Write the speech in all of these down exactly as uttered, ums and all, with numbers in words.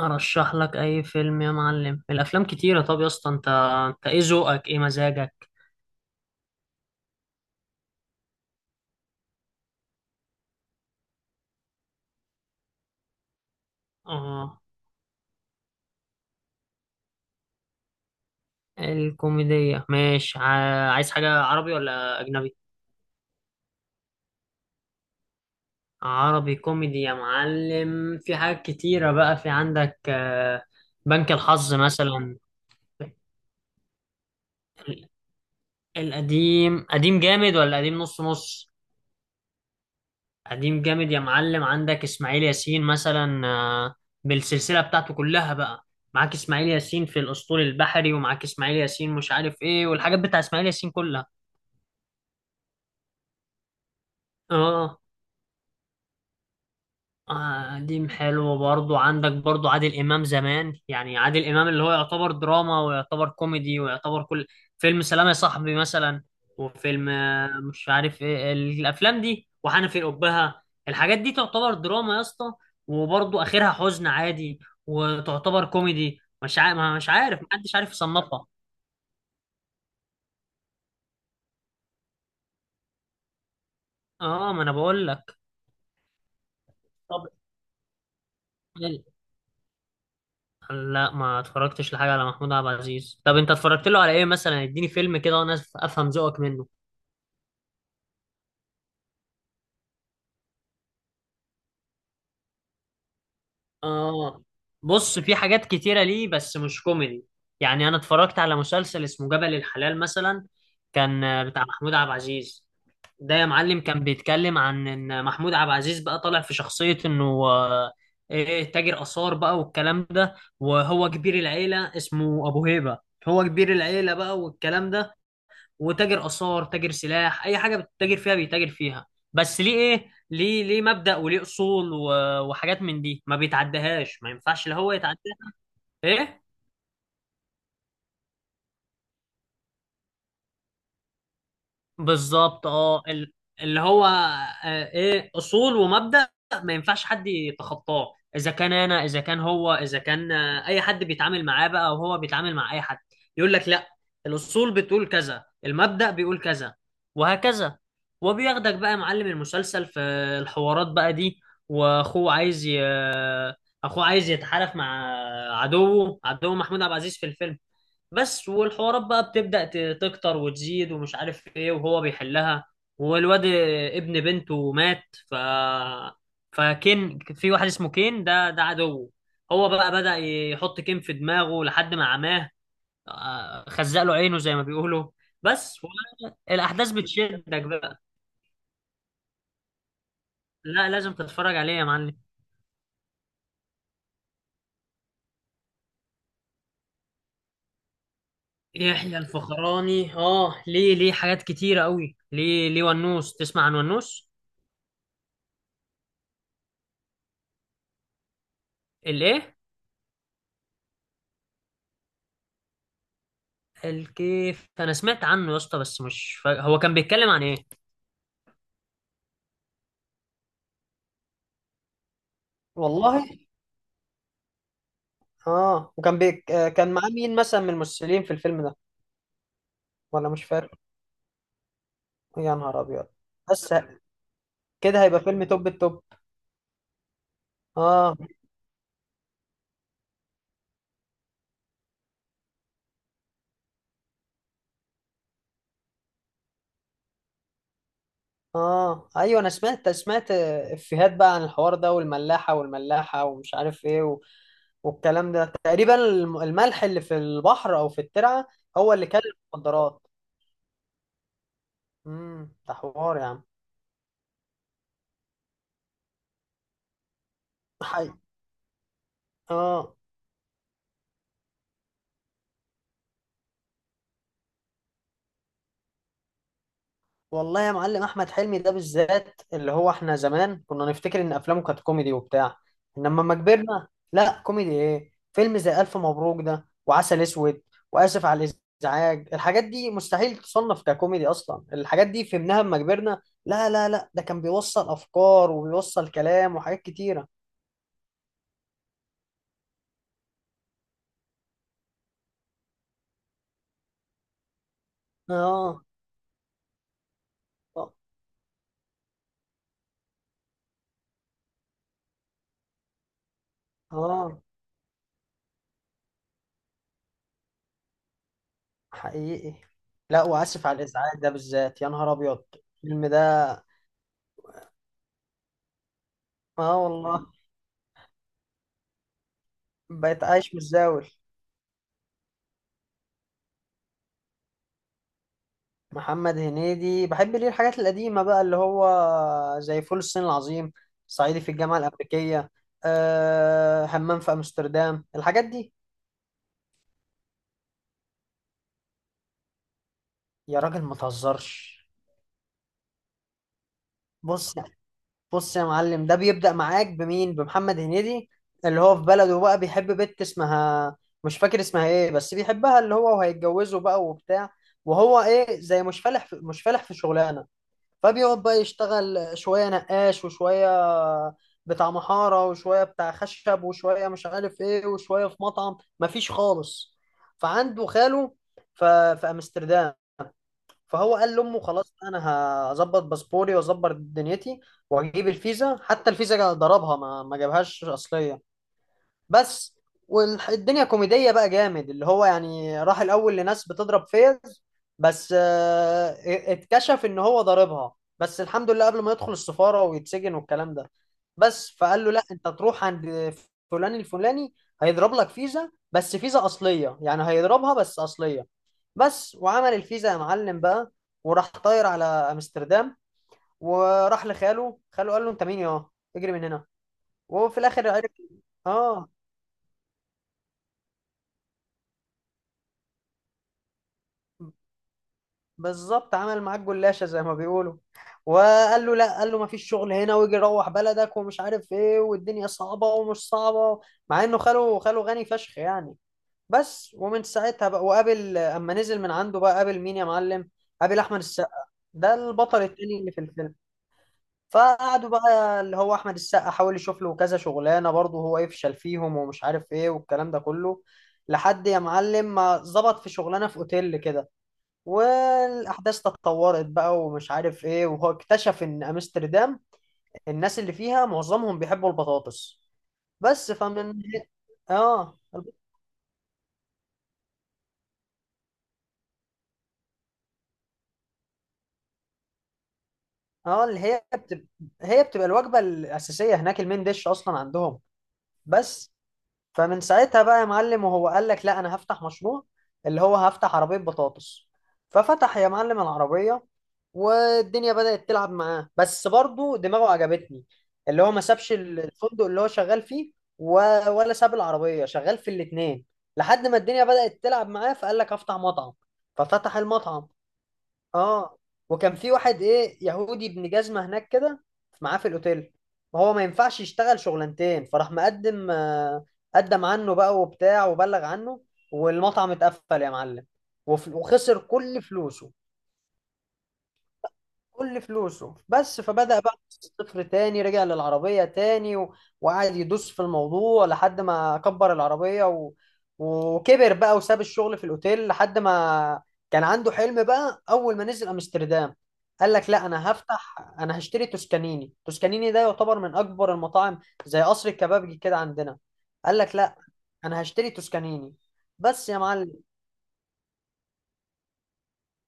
ارشح لك اي فيلم يا معلم. الافلام كتيره. طب يا اسطى، انت انت ايه ذوقك؟ ايه مزاجك؟ اه، الكوميديه ماشي. ع- عايز حاجه عربي ولا اجنبي؟ عربي كوميدي يا معلم، في حاجات كتيره بقى في عندك. آه، بنك الحظ مثلا. ال- القديم قديم جامد ولا قديم نص نص؟ قديم جامد يا معلم، عندك اسماعيل ياسين مثلا، آه، بالسلسله بتاعته كلها بقى. معاك اسماعيل ياسين في الاسطول البحري، ومعاك اسماعيل ياسين مش عارف ايه، والحاجات بتاع اسماعيل ياسين كلها. اه. آه. قديم حلو برضو، عندك برضو عادل إمام زمان. يعني عادل إمام اللي هو يعتبر دراما ويعتبر كوميدي ويعتبر كل فيلم. سلام يا صاحبي مثلا، وفيلم آه، مش عارف إيه الأفلام دي، وحنفي الأبهة. الحاجات دي تعتبر دراما يا اسطى، وبرضو آخرها حزن عادي، وتعتبر كوميدي. مش عارف، مش عارف، محدش عارف يصنفها. اه، ما انا بقول لك. طب لا، ما اتفرجتش لحاجة على محمود عبد العزيز. طب انت اتفرجت له على ايه مثلا؟ اديني فيلم كده وانا افهم ذوقك منه. اه، بص، في حاجات كتيرة ليه بس مش كوميدي. يعني انا اتفرجت على مسلسل اسمه جبل الحلال مثلا، كان آه، بتاع محمود عبد العزيز. ده يا معلم كان بيتكلم عن ان محمود عبد العزيز بقى طالع في شخصية انه آه، ايه، تاجر آثار بقى والكلام ده. وهو كبير العيلة اسمه ابو هيبة. هو كبير العيلة بقى والكلام ده. وتاجر آثار، تاجر سلاح، أي حاجة بتتاجر فيها بيتاجر فيها. بس ليه إيه، ليه، ليه مبدأ وليه أصول و- وحاجات من دي ما بيتعدهاش، ما ينفعش لا هو يتعداها. إيه بالظبط. اه ال- اللي هو آه، ايه، اصول ومبدأ. ما ينفعش حد يتخطاه، اذا كان انا، اذا كان هو، اذا كان آه، اي حد بيتعامل معاه بقى، او هو بيتعامل مع اي حد، يقول لك لا، الاصول بتقول كذا، المبدأ بيقول كذا، وهكذا. وبياخدك بقى يا معلم المسلسل في الحوارات بقى دي. واخوه عايز ي... اخوه عايز يتحالف مع عدوه، عدو محمود عبد العزيز في الفيلم. بس والحوارات بقى بتبدأ ت- تكتر وتزيد ومش عارف ايه وهو بيحلها. والواد ابن بنته مات. ف فكين في واحد اسمه كين، ده ده عدو. هو بقى بدأ يحط كين في دماغه لحد ما عماه. آه، خزق له عينه زي ما بيقولوا. بس الأحداث بتشدك بقى. لا لازم تتفرج عليه يا معلم. يحيى الفخراني اه ليه ليه حاجات كتيرة قوي. ليه ليه ونوس. تسمع عن ونوس؟ الايه؟ الكيف انا سمعت عنه يا اسطى بس مش فا... هو كان بيتكلم عن ايه؟ والله. اه وكان بيك آه، كان معاه مين مثلا من الممثلين في الفيلم ده؟ ولا مش فارق. يا نهار ابيض. بس ه- كده هيبقى فيلم توب التوب. اه. اه ايوه، انا سمعت سمعت آه، افيهات بقى عن الحوار ده، والملاحه والملاحه ومش عارف ايه و... والكلام ده تقريبا. الم- الملح اللي في البحر او في الترعه هو اللي كان. المخدرات. امم، ده حوار يا عم. حي. اه والله يا معلم، احمد حلمي ده بالذات اللي هو احنا زمان كنا نفتكر ان افلامه كانت كوميدي وبتاع. انما لما كبرنا، لا كوميدي ايه. فيلم زي الف مبروك ده، وعسل اسود، واسف على الازعاج، الحاجات دي مستحيل تصنف ككوميدي اصلا. الحاجات دي فهمناها لما كبرنا. لا لا لا، ده كان بيوصل افكار وبيوصل كلام وحاجات كتيرة. اه. اه حقيقي. لا واسف على الازعاج ده بالذات، يا نهار ابيض. الفيلم ده. اه والله. بقيت عايش متزاول. محمد هنيدي بحب ليه الحاجات القديمة بقى، اللي هو زي فول الصين العظيم، صعيدي في الجامعة الأمريكية، أه همام في أمستردام، الحاجات دي. يا راجل ما تهزرش. بص، بص يا معلم، ده بيبدأ معاك بمين؟ بمحمد هنيدي اللي هو في بلده بقى بيحب بنت اسمها، مش فاكر اسمها ايه، بس بيحبها اللي هو وهيتجوزه بقى وبتاع. وهو ايه زي مش فالح في- مش فالح في شغلانة. فبيقعد بقى يشتغل شوية نقاش، وشوية بتاع محارة، وشوية بتاع خشب، وشوية مش عارف ايه، وشوية في مطعم، مفيش خالص. فعنده خاله ف- في أمستردام. فهو قال لأمه خلاص، أنا هظبط باسبوري وأظبط دنيتي وأجيب الفيزا. حتى الفيزا جا- ضربها، ما ما جابهاش أصلية. بس والدنيا كوميدية بقى جامد، اللي هو يعني راح الأول لناس بتضرب فيز. بس آه، اتكشف إن هو ضاربها، بس الحمد لله قبل ما يدخل السفارة ويتسجن والكلام ده. بس فقال له لا أنت تروح عند فلان الفلاني، هيضرب لك فيزا بس فيزا أصلية، يعني هيضربها بس أصلية. بس وعمل الفيزا يا معلم بقى، وراح طاير على أمستردام. وراح لخاله، خاله قال له أنت مين يا، اجري من هنا. وفي الآخر عرف. اه بالظبط، عمل معاك جلاشة زي ما بيقولوا. وقال له لا، قال له ما فيش شغل هنا، ويجي روح بلدك، ومش عارف ايه، والدنيا صعبة ومش صعبة. مع انه خاله، خاله غني فشخ يعني. بس ومن ساعتها بقى، وقابل اما نزل من عنده بقى، قابل مين يا معلم؟ قابل احمد السقا، ده البطل التاني اللي في الفيلم. فقعدوا بقى، اللي هو احمد السقا حاول يشوف له كذا شغلانة، برضه هو يفشل فيهم ومش عارف ايه والكلام ده كله، لحد يا معلم ما ظبط في شغلانة في اوتيل كده. والاحداث تطورت بقى ومش عارف ايه، وهو اكتشف ان امستردام الناس اللي فيها معظمهم بيحبوا البطاطس. بس فمن. اه. اه اللي هي بتبقى، هي بتبقى الوجبه الاساسيه هناك، المين ديش اصلا عندهم. بس فمن ساعتها بقى يا معلم، وهو قال لك لا انا هفتح مشروع، اللي هو هفتح عربية بطاطس. ففتح يا معلم العربية، والدنيا بدأت تلعب معاه. بس برضه دماغه عجبتني، اللي هو ما سابش ال- الفندق اللي هو شغال فيه، و... ولا ساب العربية، شغال في الاتنين. لحد ما الدنيا بدأت تلعب معاه، فقال لك افتح مطعم. ففتح المطعم. اه. وكان في واحد ايه يهودي ابن جزمة هناك كده، معاه في الاوتيل. وهو ما ينفعش يشتغل شغلانتين، فراح مقدم آه، قدم عنه بقى وبتاع وبلغ عنه. والمطعم اتقفل يا معلم. وف- وخسر كل فلوسه. كل فلوسه. بس فبدأ بقى من الصفر تاني، رجع للعربية تاني و... وقعد يدوس في الموضوع لحد ما كبر العربية و... وكبر بقى وساب الشغل في الأوتيل. لحد ما كان عنده حلم بقى، أول ما نزل أمستردام، قال لك لا أنا هفتح، أنا هشتري توسكانيني. توسكانيني ده يعتبر من أكبر المطاعم، زي قصر الكبابجي كده عندنا. قال لك لا، أنا هشتري توسكانيني. بس يا معلم،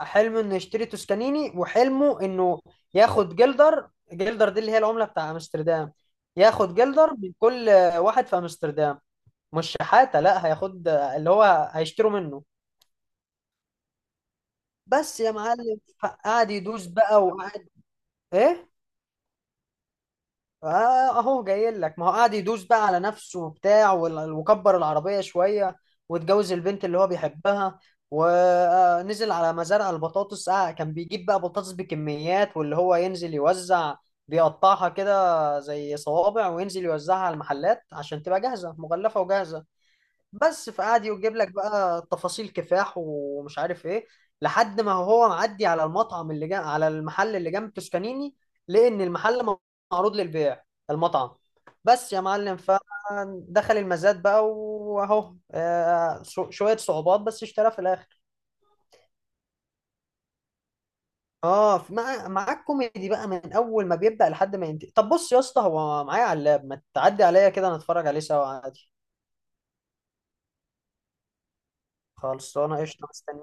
حلمه انه يشتري توسكانيني، وحلمه انه ياخد جلدر. جلدر دي اللي هي العملة بتاع امستردام. ياخد جلدر من كل واحد في امستردام. مش شحاتة، لا هياخد اللي هو هيشتروا منه. بس يا معلم، قعد يدوس بقى وقعد. ايه. آه، اهو جاي لك، ما هو قاعد يدوس بقى على نفسه وبتاع وال- وكبر العربية شوية، واتجوز البنت اللي هو بيحبها. ونزل على مزارع البطاطس. آه كان بيجيب بقى بطاطس بكميات، واللي هو ينزل يوزع، بيقطعها كده زي صوابع، وينزل يوزعها على المحلات عشان تبقى جاهزة مغلفة وجاهزة. بس فقعد يجيب لك بقى تفاصيل كفاح ومش عارف ايه، لحد ما هو معدي على المطعم اللي جنب، على المحل اللي جنب توسكانيني، لقى ان المحل معروض للبيع، المطعم. بس يا معلم، فدخل المزاد بقى واهو آه، شو- شوية صعوبات، بس اشترى في الاخر. اه في- مع معاك كوميدي بقى من اول ما بيبدأ لحد ما ينتهي. طب بص يا اسطى، هو معايا على اللاب، ما تعدي عليا كده نتفرج عليه سوا عادي. خلصانه قشطه، مستني.